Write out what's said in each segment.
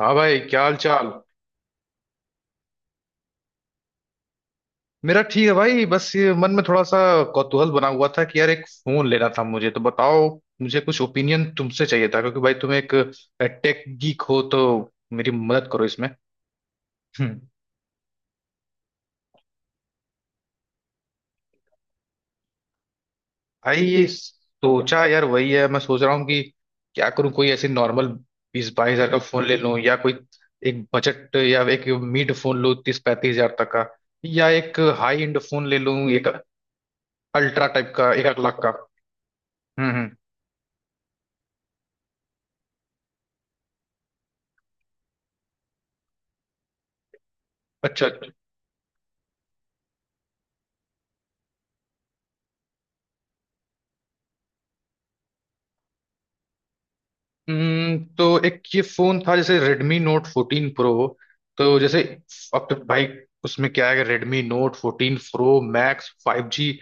हाँ भाई, क्या हाल चाल। मेरा ठीक है भाई, बस ये मन में थोड़ा सा कौतूहल बना हुआ था कि यार एक फोन लेना था मुझे, तो बताओ। मुझे कुछ ओपिनियन तुमसे चाहिए था, क्योंकि भाई तुम एक टेक गीक हो तो मेरी मदद करो इसमें। हम्म। भाई ये सोचा यार, वही है, मैं सोच रहा हूँ कि क्या करूँ, कोई ऐसे नॉर्मल 20-22 हजार का फोन ले लूँ, या कोई एक बजट या एक मिड फोन लूँ 30-35 हजार तक का, या एक हाई एंड फोन ले लूँ, एक अल्ट्रा टाइप का एक एक लाख का। हम्म। अच्छा। तो एक ये फोन था जैसे Redmi Note 14 Pro, तो जैसे अब तो भाई उसमें क्या है कि Redmi Note 14 Pro Max 5G,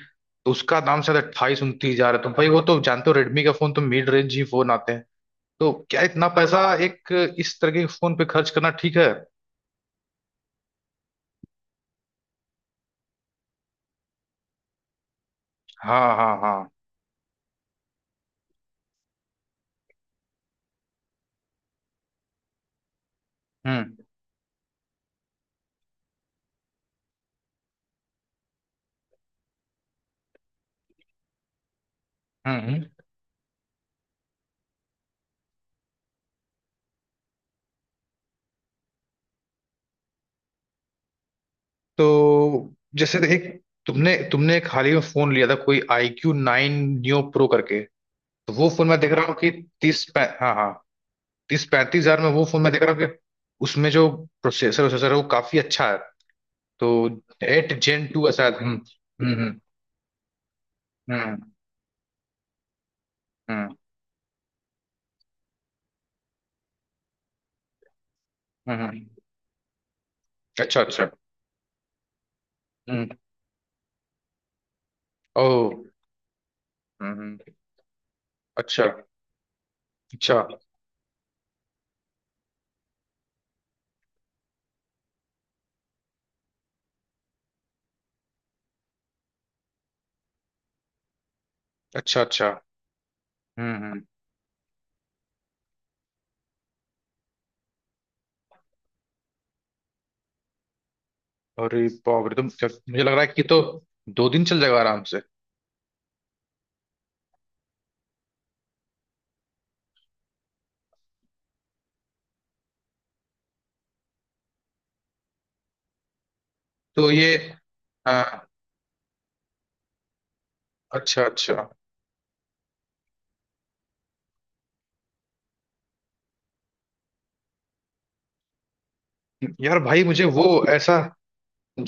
तो उसका दाम शायद 28-29 हजार है, तो भाई वो तो जानते हो Redmi का फोन तो मिड रेंज ही फोन आते हैं। तो क्या इतना पैसा एक इस तरह के फोन पे खर्च करना ठीक है। हाँ हाँ हाँ। हम्म हम्म। तो जैसे एक, तुमने तुमने एक हाल ही में फोन लिया था कोई आई क्यू 9 न्यू प्रो करके, तो वो फोन मैं देख रहा हूँ कि हाँ हाँ, 30-35 हजार में वो फोन मैं देख रहा हूँ कि उसमें जो प्रोसेसर प्रोसेसर है वो काफी अच्छा है, तो एट जेन 2 है शायद। हम्म हम्म हम्म। हम्म, हम्म। अच्छा अच्छा। हम्म। ओ। हम्म हम्म, अच्छा अच्छा। अच्छा अच्छा। हम्म हम्म, अरे बाप रे, तो मुझे लग रहा है कि तो दो दिन चल जाएगा आराम से। तो ये हाँ। अच्छा अच्छा। यार भाई मुझे वो ऐसा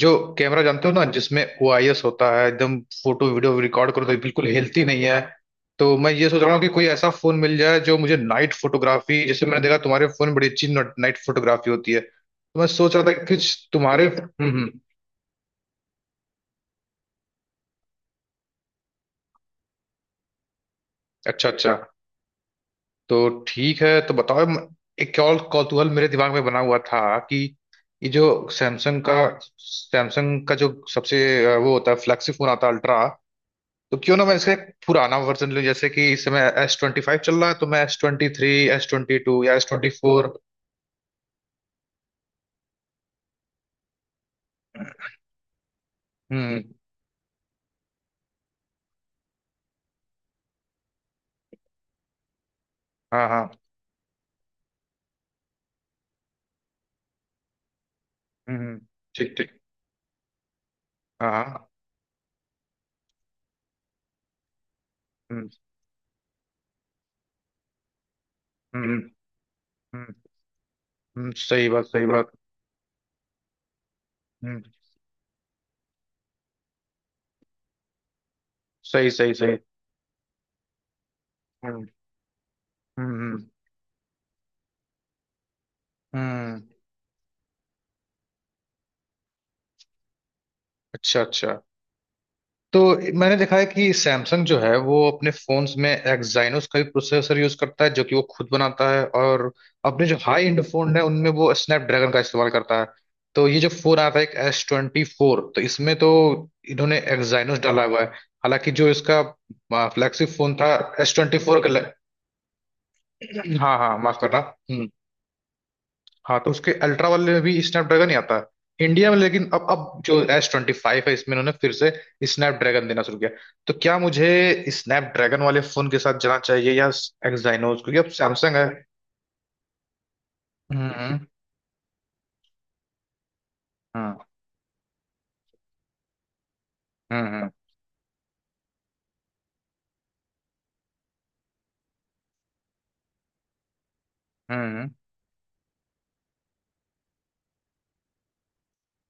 जो कैमरा जानते हो ना, जिसमें ओआईएस होता है, एकदम फोटो वीडियो रिकॉर्ड करो तो बिल्कुल हेल्थी नहीं है। तो मैं ये सोच रहा हूँ कि कोई ऐसा फोन मिल जाए जो मुझे नाइट फोटोग्राफी, जैसे मैंने देखा तुम्हारे फोन में बड़ी अच्छी नाइट फोटोग्राफी होती है, तो मैं सोच रहा था कि कुछ तुम्हारे। हम्म। अच्छा अच्छा। तो ठीक है, तो बताओ एक और कौतूहल मेरे दिमाग में बना हुआ था कि ये जो सैमसंग का, सैमसंग का जो सबसे वो होता है फ्लैगशिप फोन आता है अल्ट्रा, तो क्यों ना मैं इसका एक पुराना वर्जन लूं, जैसे कि इस समय S25 चल रहा है, तो मैं S23, S22 या S24। हम्म। हाँ हाँ। हम्म। ठीक ठीक। हाँ हाँ। हम्म हम्म हम्म। सही बात सही बात। हम्म। सही सही सही। हम्म हम्म हम्म हम्म, अच्छा अच्छा। तो मैंने देखा है कि सैमसंग जो है वो अपने फोन्स में एक्साइनोस का भी प्रोसेसर यूज करता है, जो कि वो खुद बनाता है, और अपने जो हाई एंड फोन है उनमें वो स्नैपड्रैगन का इस्तेमाल करता है। तो ये जो फोन आया था एक S24, तो इसमें तो इन्होंने एक्साइनोस डाला हुआ है। हालांकि जो इसका फ्लैगशिप फोन था S24 का, हाँ हाँ माफ करना। हम्म। हाँ, तो उसके अल्ट्रा वाले में भी स्नैपड्रैगन ही आता है इंडिया में, लेकिन अब जो S25 है इसमें उन्होंने फिर से स्नैपड्रैगन देना शुरू किया। तो क्या मुझे स्नैपड्रैगन वाले फोन के साथ जाना चाहिए या एक्साइनोज, क्योंकि अब सैमसंग है। हम्म हम्म हम्म। हम्म,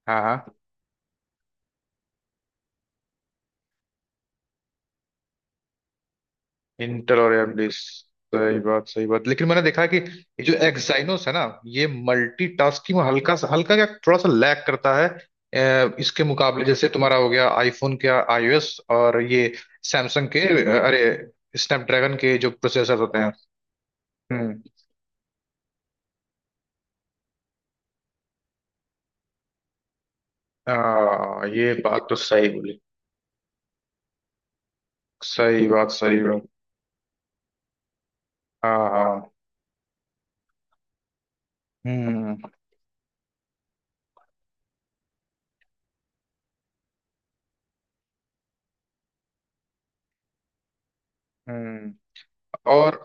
हाँ हाँ। इंटेल और एएमडी। सही बात सही बात, लेकिन मैंने देखा है कि ये जो एक्साइनोस है ना, ये मल्टीटास्किंग में हल्का सा, हल्का क्या, थोड़ा सा लैग करता है इसके मुकाबले, जैसे तुम्हारा हो गया आईफोन के आईओएस, और ये सैमसंग के अरे, स्नैपड्रैगन के जो प्रोसेसर होते हैं। हम्म। आ, ये बात तो सही बोली। सही बात सही बात। हाँ हाँ। हम्म हम्म। और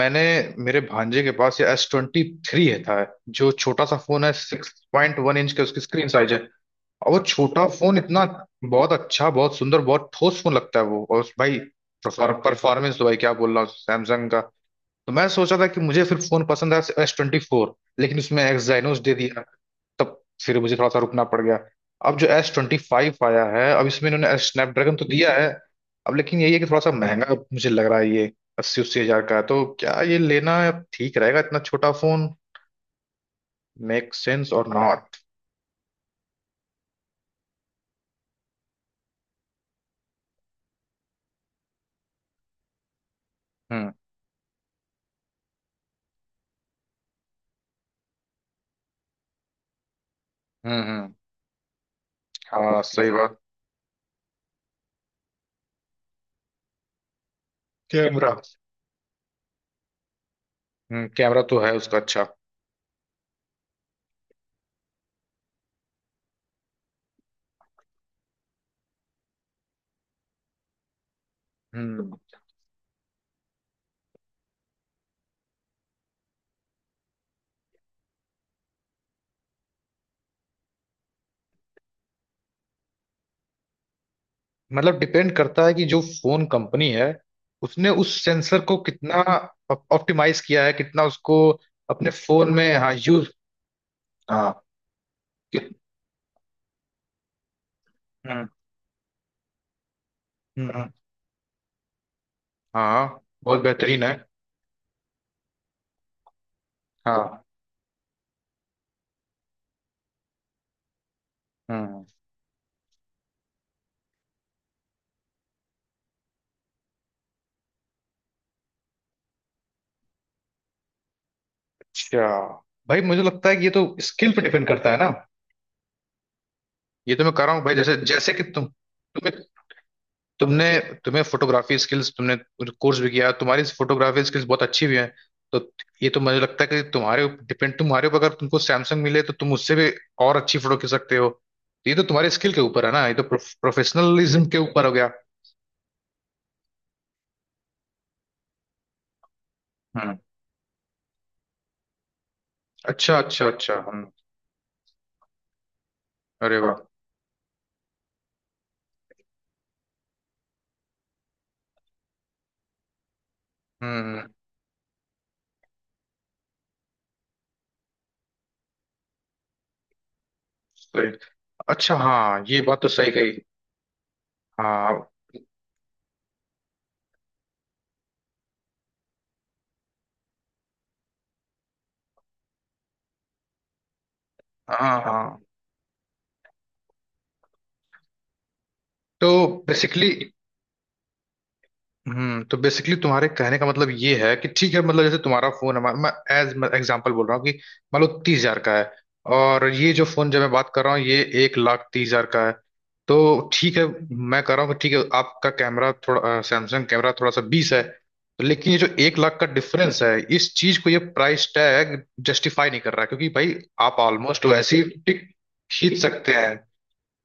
मैंने, मेरे भांजे के पास ये S23 है, था, जो छोटा सा फोन है, 6.1 इंच के उसकी स्क्रीन साइज है, और वो छोटा फोन इतना बहुत अच्छा, बहुत सुंदर, बहुत ठोस फोन लगता है वो, और उस भाई परफॉर्मेंस तो भाई क्या बोल रहा हूँ सैमसंग का। तो मैं सोचा था कि मुझे फिर फोन पसंद है S24, लेकिन उसमें एक्साइनोस दे दिया, तब फिर मुझे थोड़ा सा रुकना पड़ गया। अब जो एस ट्वेंटी फाइव आया है, अब इसमें इन्होंने स्नैपड्रैगन तो दिया है, अब लेकिन यही है कि थोड़ा सा महंगा मुझे लग रहा है ये, 80-80 हजार का है। तो क्या ये लेना ठीक रहेगा, इतना छोटा फोन, मेक सेंस और नॉट। हम्म हम्म। हाँ सही बात। कैमरा। हम्म, कैमरा तो है उसका अच्छा। हम्म, मतलब डिपेंड करता है कि जो फोन कंपनी है उसने उस सेंसर को कितना ऑप्टिमाइज किया है, कितना उसको अपने फोन में हाँ यूज। हाँ। हम्म, हाँ बहुत बेहतरीन है। हाँ। हम्म। अच्छा। भाई मुझे लगता है कि ये तो स्किल पे डिपेंड करता है ना, ये तो मैं कर रहा हूँ भाई, जैसे जैसे कि तुम, तुम्हें, तुमने तुम्हें फोटोग्राफी स्किल्स, तुमने कोर्स भी किया, तुम्हारी फोटोग्राफी स्किल्स बहुत अच्छी भी हैं, तो ये तो मुझे लगता है कि तुम्हारे डिपेंड, तुम्हारे ऊपर, अगर तुमको सैमसंग मिले तो तुम उससे भी और अच्छी फोटो खींच सकते हो, तो ये तो तुम्हारे स्किल के ऊपर है ना, ये तो प्रोफेशनलिज्म के ऊपर हो गया। हम्म अच्छा अच्छा अच्छा। हम्म। अरे वाह। हम्म। अच्छा। हाँ ये बात तो सही कही। हाँ हाँ। हाँ, तो बेसिकली, हम्म, तो बेसिकली तुम्हारे कहने का मतलब ये है कि ठीक है, मतलब जैसे तुम्हारा फोन है, मैं एज एग्जांपल बोल रहा हूँ कि मान लो 30 हजार का है, और ये जो फोन जब मैं बात कर रहा हूँ ये 1 लाख 30 हजार का है। तो ठीक है मैं कह रहा हूँ कि ठीक है, आपका कैमरा थोड़ा, सैमसंग कैमरा थोड़ा सा बीस है तो, लेकिन ये जो 1 लाख का डिफरेंस है इस चीज को ये प्राइस टैग जस्टिफाई नहीं कर रहा है, क्योंकि भाई आप ऑलमोस्ट वैसे ही pic खींच सकते हैं।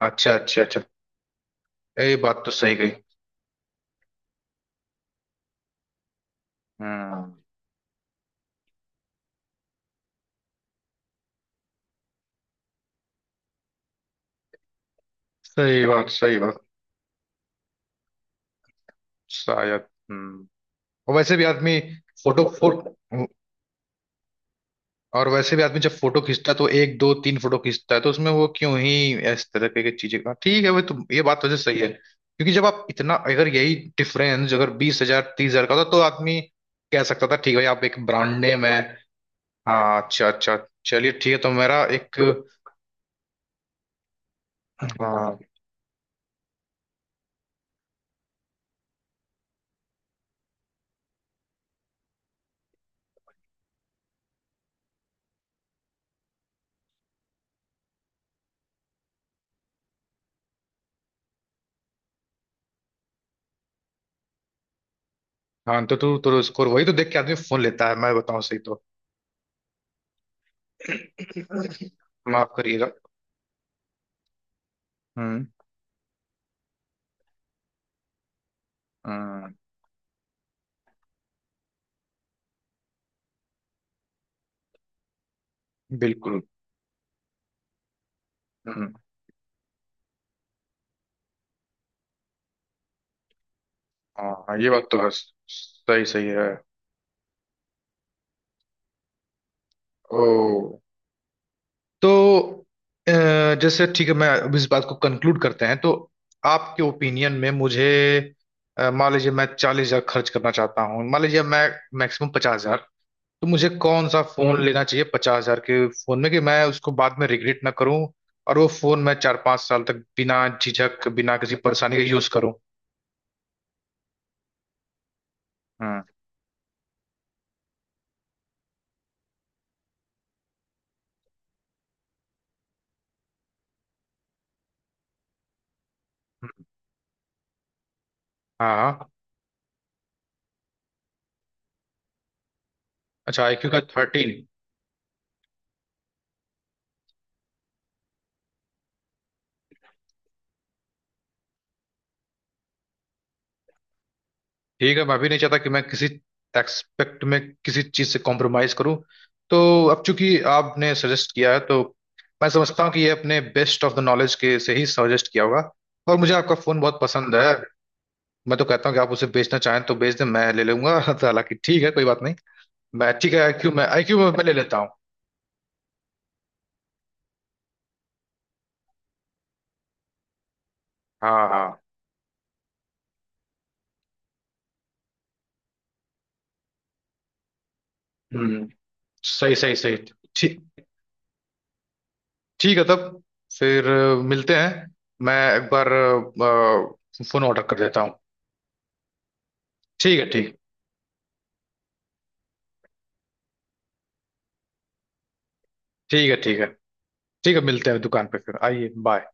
अच्छा अच्छा अच्छा, ये बात तो सही गई। हम्म सही बात सही बात। शायद। हम्म। और वैसे भी आदमी फोटो फोटो, और वैसे भी आदमी जब फोटो खींचता है तो 1-2-3 फोटो खींचता है, तो उसमें वो क्यों ही इस तरह की चीजें, हाँ, ठीक है, वो तो ये बात तो वैसे सही है, क्योंकि जब आप इतना, अगर यही डिफरेंस अगर 20-30 हजार का होता तो आदमी कह सकता था ठीक है भाई आप एक ब्रांड नेम है। हाँ अच्छा अच्छा। चलिए ठीक है, तो मेरा एक, हाँ हाँ, तो तू तो स्कोर वही तो देख के आदमी फोन लेता है, मैं बताऊं सही तो। माफ करिएगा। हम्म हम्म, बिल्कुल। हम्म। हाँ ये बात तो है, सही सही है। ओ, तो अ, जैसे ठीक है, मैं अब इस बात को कंक्लूड करते हैं तो, आपके ओपिनियन में मुझे मान लीजिए मैं 40 हजार खर्च करना चाहता हूँ, मान लीजिए मैं मैक्सिमम 50 हजार, तो मुझे कौन सा फोन लेना चाहिए पचास हजार के फोन में कि मैं उसको बाद में रिग्रेट ना करूं, और वो फोन मैं 4-5 साल तक बिना झिझक, बिना किसी परेशानी के यूज करूं। हम्म। हाँ। अच्छा आईक्यू का 13। ठीक है, मैं भी नहीं चाहता कि मैं किसी एक्सपेक्ट में किसी चीज से कॉम्प्रोमाइज करूं। तो अब चूंकि आपने सजेस्ट किया है तो मैं समझता हूँ कि ये अपने बेस्ट ऑफ द नॉलेज के से ही सजेस्ट किया होगा, और मुझे आपका फोन बहुत पसंद है। मैं तो कहता हूँ कि आप उसे बेचना चाहें तो बेच दें, मैं ले लूंगा। तो हालांकि ठीक है कोई बात नहीं, मैं ठीक है आईक्यू मैं, आईक्यू मैं ले लेता हूँ। हाँ हाँ। हम्म। सही सही सही। ठीक, ठीक है तब फिर, मिलते हैं, मैं एक बार फोन ऑर्डर कर देता हूँ। ठीक है ठीक, ठीक है ठीक है। ठीक है मिलते हैं दुकान पे, फिर आइए, बाय।